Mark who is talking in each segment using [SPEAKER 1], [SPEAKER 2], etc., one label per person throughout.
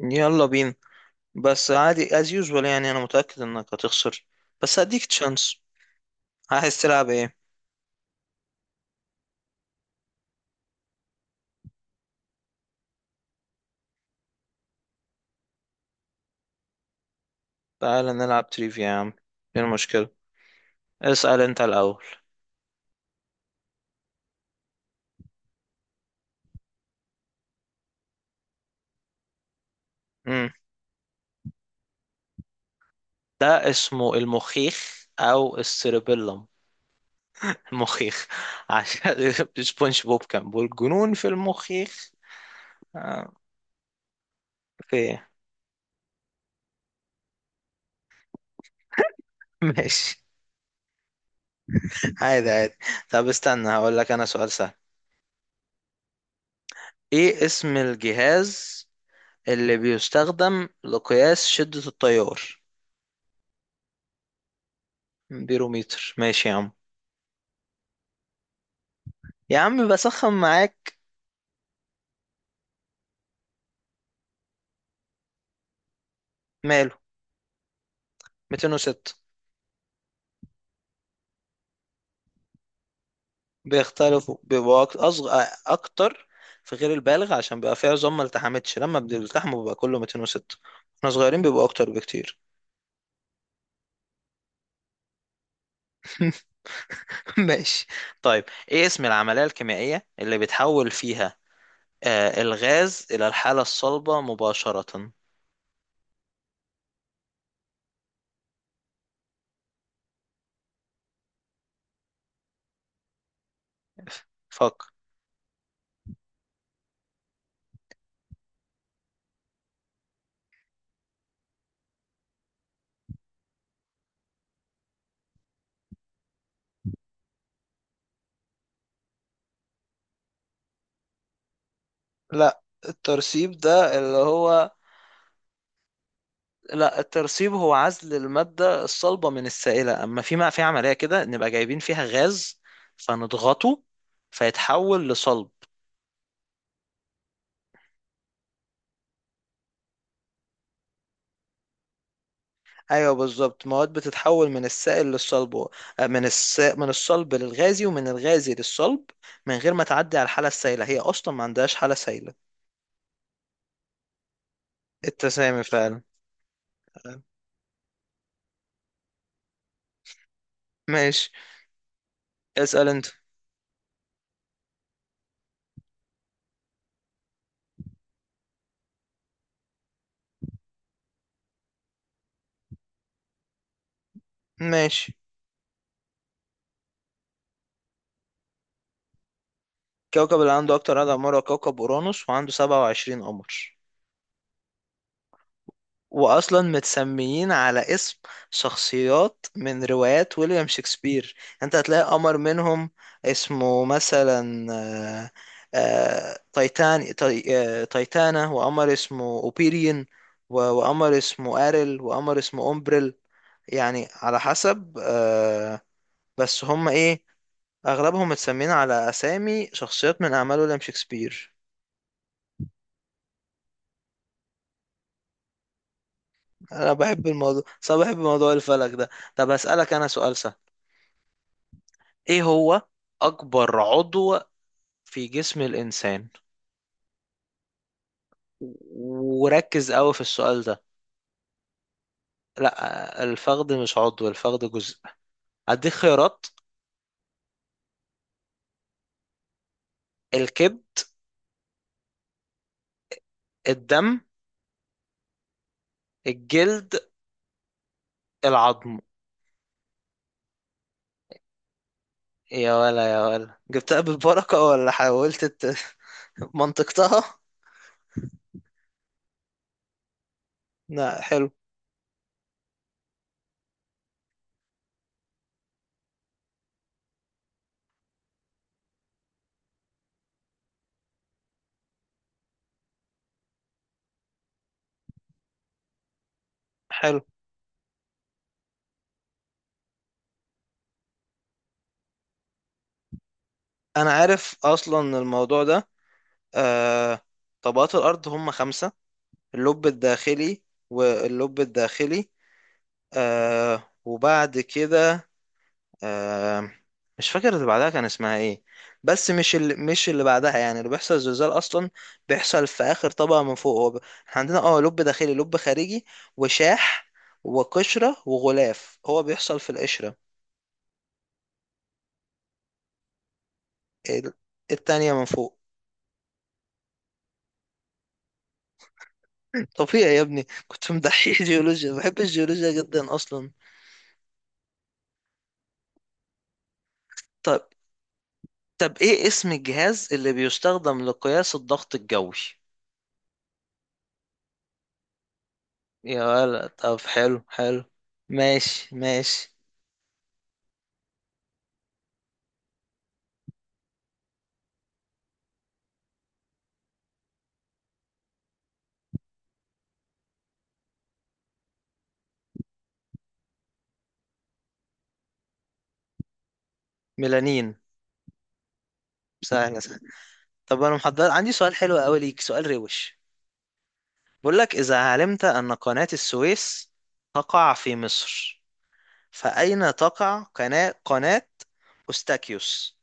[SPEAKER 1] يلا بينا. بس عادي as usual انا متأكد انك هتخسر، بس هديك تشانس. عايز تلعب ايه؟ تعال نلعب تريفيا يا عم، ايه المشكلة؟ اسأل انت الاول. امم ده اسمه المخيخ او السيربيلم. المخيخ عشان سبونج بوب كان بيقول جنون في المخيخ. آه، في إيه؟ ماشي. عادي عادي. طب استنى هقول لك انا سؤال سهل. ايه اسم الجهاز اللي بيستخدم لقياس شدة التيار؟ بيروميتر ماشي يا عم. يا عم بسخن معاك. ماله، 206. بيختلفوا، بيبقوا أصغر أكتر في غير البالغ، عشان بيبقى فيه عظام ما التحمتش. لما بيلتحموا بيبقى كله 206. احنا صغيرين بيبقوا أكتر بكتير. ماشي. طيب إيه اسم العملية الكيميائية اللي بتحول فيها الغاز إلى الحالة الصلبة مباشرة؟ فكر. لا، الترسيب ده اللي هو، لا الترسيب هو عزل المادة الصلبة من السائلة، أما في ما في عملية كده نبقى جايبين فيها غاز فنضغطه فيتحول لصلب. أيوة بالظبط، مواد بتتحول من السائل للصلب من الصلب للغازي ومن الغازي للصلب من غير ما تعدي على الحالة السائلة، هي أصلا ما عندهاش حالة سائلة. التسامي فعلا. ماشي. اسأل أنت. ماشي. كوكب اللي عنده أكتر عدد أقمار هو كوكب أورانوس، وعنده 27 قمر. واصلا متسميين على اسم شخصيات من روايات ويليام شكسبير. انت هتلاقي قمر منهم اسمه مثلا آه، تايتان تاي- تايتانا، وقمر اسمه اوبيريون وقمر اسمه اريل، وقمر اسمه اومبريل. يعني على حسب بس هم ايه، اغلبهم متسمين على اسامي شخصيات من اعمال ويليام شكسبير. انا بحب الموضوع، صح، بحب موضوع الفلك ده. طب اسالك انا سؤال. ايه هو اكبر عضو في جسم الانسان؟ وركز قوي في السؤال ده. لا، الفخذ مش عضو، الفخذ جزء. هديك خيارات. الكبد. الدم. الجلد. العظم. يا ولا يا ولا، جبتها بالبركة ولا حاولت منطقتها؟ لا حلو حلو. انا عارف اصلا الموضوع ده. آه... طبقات الارض هم خمسة. اللب الداخلي، واللب الداخلي وبعد كده آه مش فاكر اللي بعدها كان اسمها ايه. بس مش اللي بعدها، يعني اللي بيحصل زلزال اصلا بيحصل في اخر طبقه من فوق. احنا عندنا اه لب داخلي، لب خارجي، وشاح، وقشره، وغلاف. هو بيحصل في القشره. ال- التانية من فوق. طبيعي يا ابني، كنت مدحيح جيولوجيا، بحب الجيولوجيا جدا اصلا. طب طب ايه اسم الجهاز اللي بيستخدم لقياس الضغط الجوي؟ يا ولد، طب حلو حلو. ماشي ماشي. ميلانين. سهلة. طب انا محضر عندي سؤال حلو قوي ليك، سؤال روش. بقول لك اذا علمت ان قناة السويس تقع في مصر، فاين تقع قناة أوستاكيوس؟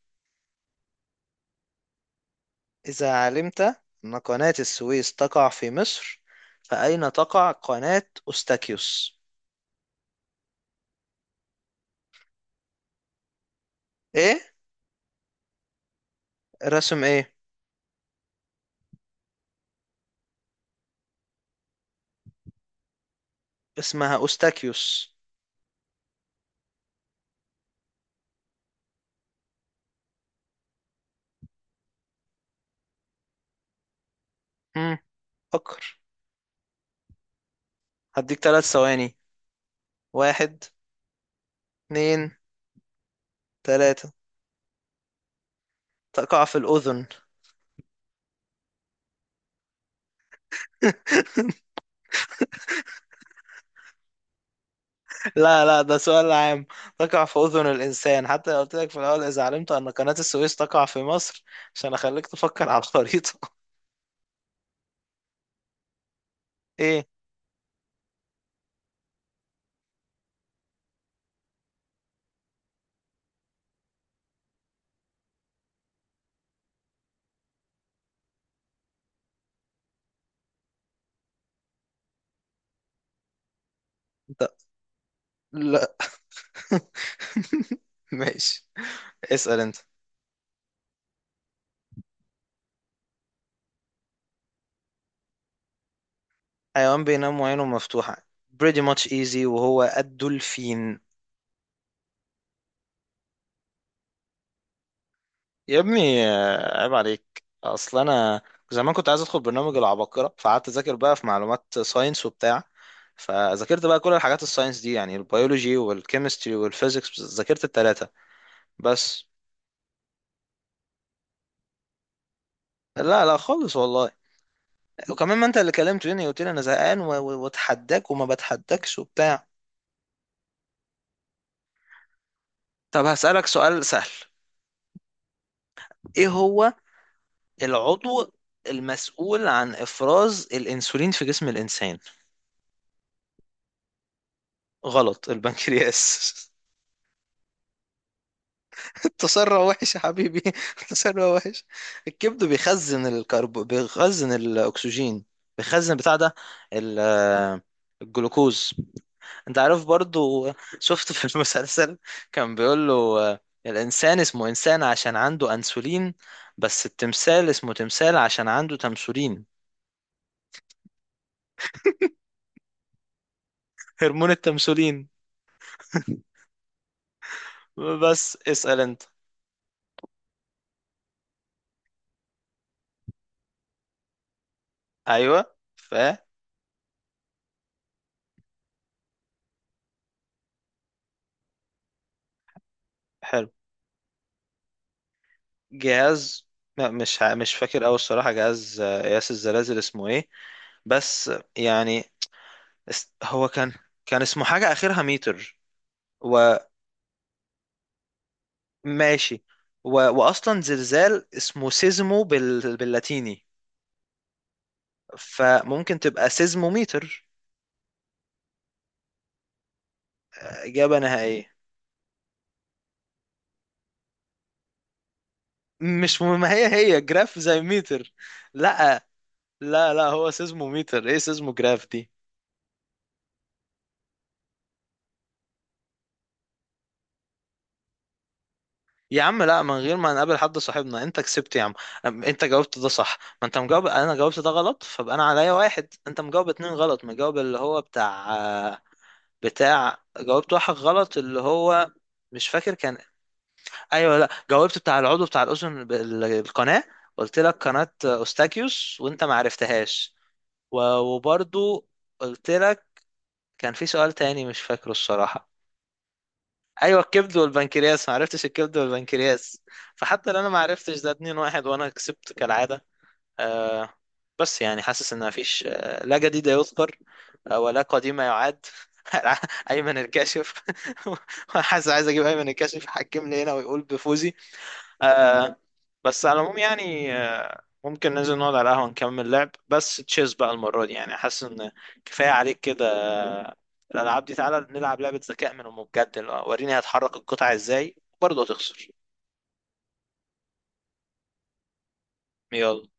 [SPEAKER 1] اذا علمت ان قناة السويس تقع في مصر، فاين تقع قناة أوستاكيوس؟ ايه رسم؟ ايه؟ اسمها أوستاكيوس. امم فكر. هديك ثلاث ثواني. واحد، اتنين، تلاتة. تقع في الأذن. لا لا، ده سؤال عام. تقع في أذن الإنسان، حتى لو قلت لك في الأول إذا علمت أن قناة السويس تقع في مصر، عشان أخليك تفكر على الخريطة. إيه؟ أنت؟ لا. ماشي. اسأل أنت. حيوان بينام وعينه مفتوحة، pretty much easy، وهو الدولفين. يا ابني عيب عليك، أصل أنا زمان كنت عايز أدخل برنامج العباقرة، فقعدت أذاكر بقى في معلومات ساينس وبتاع. فذاكرت بقى كل الحاجات الساينس دي، يعني البيولوجي والكيمستري والفيزيكس، ذاكرت التلاتة بس. لا لا خالص والله. وكمان ما انت اللي كلمتني قلت لي انا زهقان واتحداك وما بتحداكش وبتاع. طب هسألك سؤال سهل. ايه هو العضو المسؤول عن افراز الانسولين في جسم الانسان؟ غلط، البنكرياس. التسرع وحش يا حبيبي، التسرع وحش. الكبد بيخزن بيخزن الاكسجين، بيخزن بتاع ده، ال- الجلوكوز. انت عارف برضو. شفت في المسلسل كان بيقول له الانسان اسمه انسان عشان عنده انسولين، بس التمثال اسمه تمثال عشان عنده تمثولين. هرمون التمثولين. بس اسأل انت. ايوه، ف، حلو. جهاز، لا مش فاكر اوي الصراحة. جهاز قياس الزلازل اسمه ايه؟ بس يعني هو كان، كان اسمه حاجة اخرها متر وماشي. واصلا زلزال اسمه باللاتيني، فممكن تبقى سيزموميتر. إجابة نهائية. مش مهم، ما هي هي جراف زي ميتر. لا لا، لا هو سيزموميتر، ايه سيزموجراف دي. يا عم لا، من غير ما نقابل حد صاحبنا انت كسبت يا عم. انت جاوبت ده صح، ما انت مجاوب. انا جاوبت ده غلط، فبقى انا عليا واحد، انت مجاوب اتنين غلط. مجاوب اللي هو بتاع، جاوبت واحد غلط اللي هو، مش فاكر كان. ايوه لا، جاوبت بتاع العضو بتاع الاذن القناة. قلت لك قناة أوستاكيوس وانت ما عرفتهاش. وبرضو قلت لك كان في سؤال تاني مش فاكره الصراحة. ايوه الكبد والبنكرياس، ما عرفتش الكبد والبنكرياس. فحتى لو انا ما عرفتش ده 2 واحد، وانا كسبت كالعادة. آه بس يعني حاسس ان مفيش آه لا جديد يذكر آه ولا قديم يعاد. ايمن الكاشف. حاسس عايز اجيب ايمن الكاشف يحكمني هنا ويقول بفوزي. آه. بس على العموم يعني آه ممكن ننزل نقعد على القهوة نكمل لعب، بس تشيز بقى المرة دي. يعني حاسس ان كفاية عليك كده. الألعاب دي تعالى نلعب لعبة ذكاء من أم بجد، اللي هو وريني هتحرك القطع ازاي. برضه هتخسر. يلا.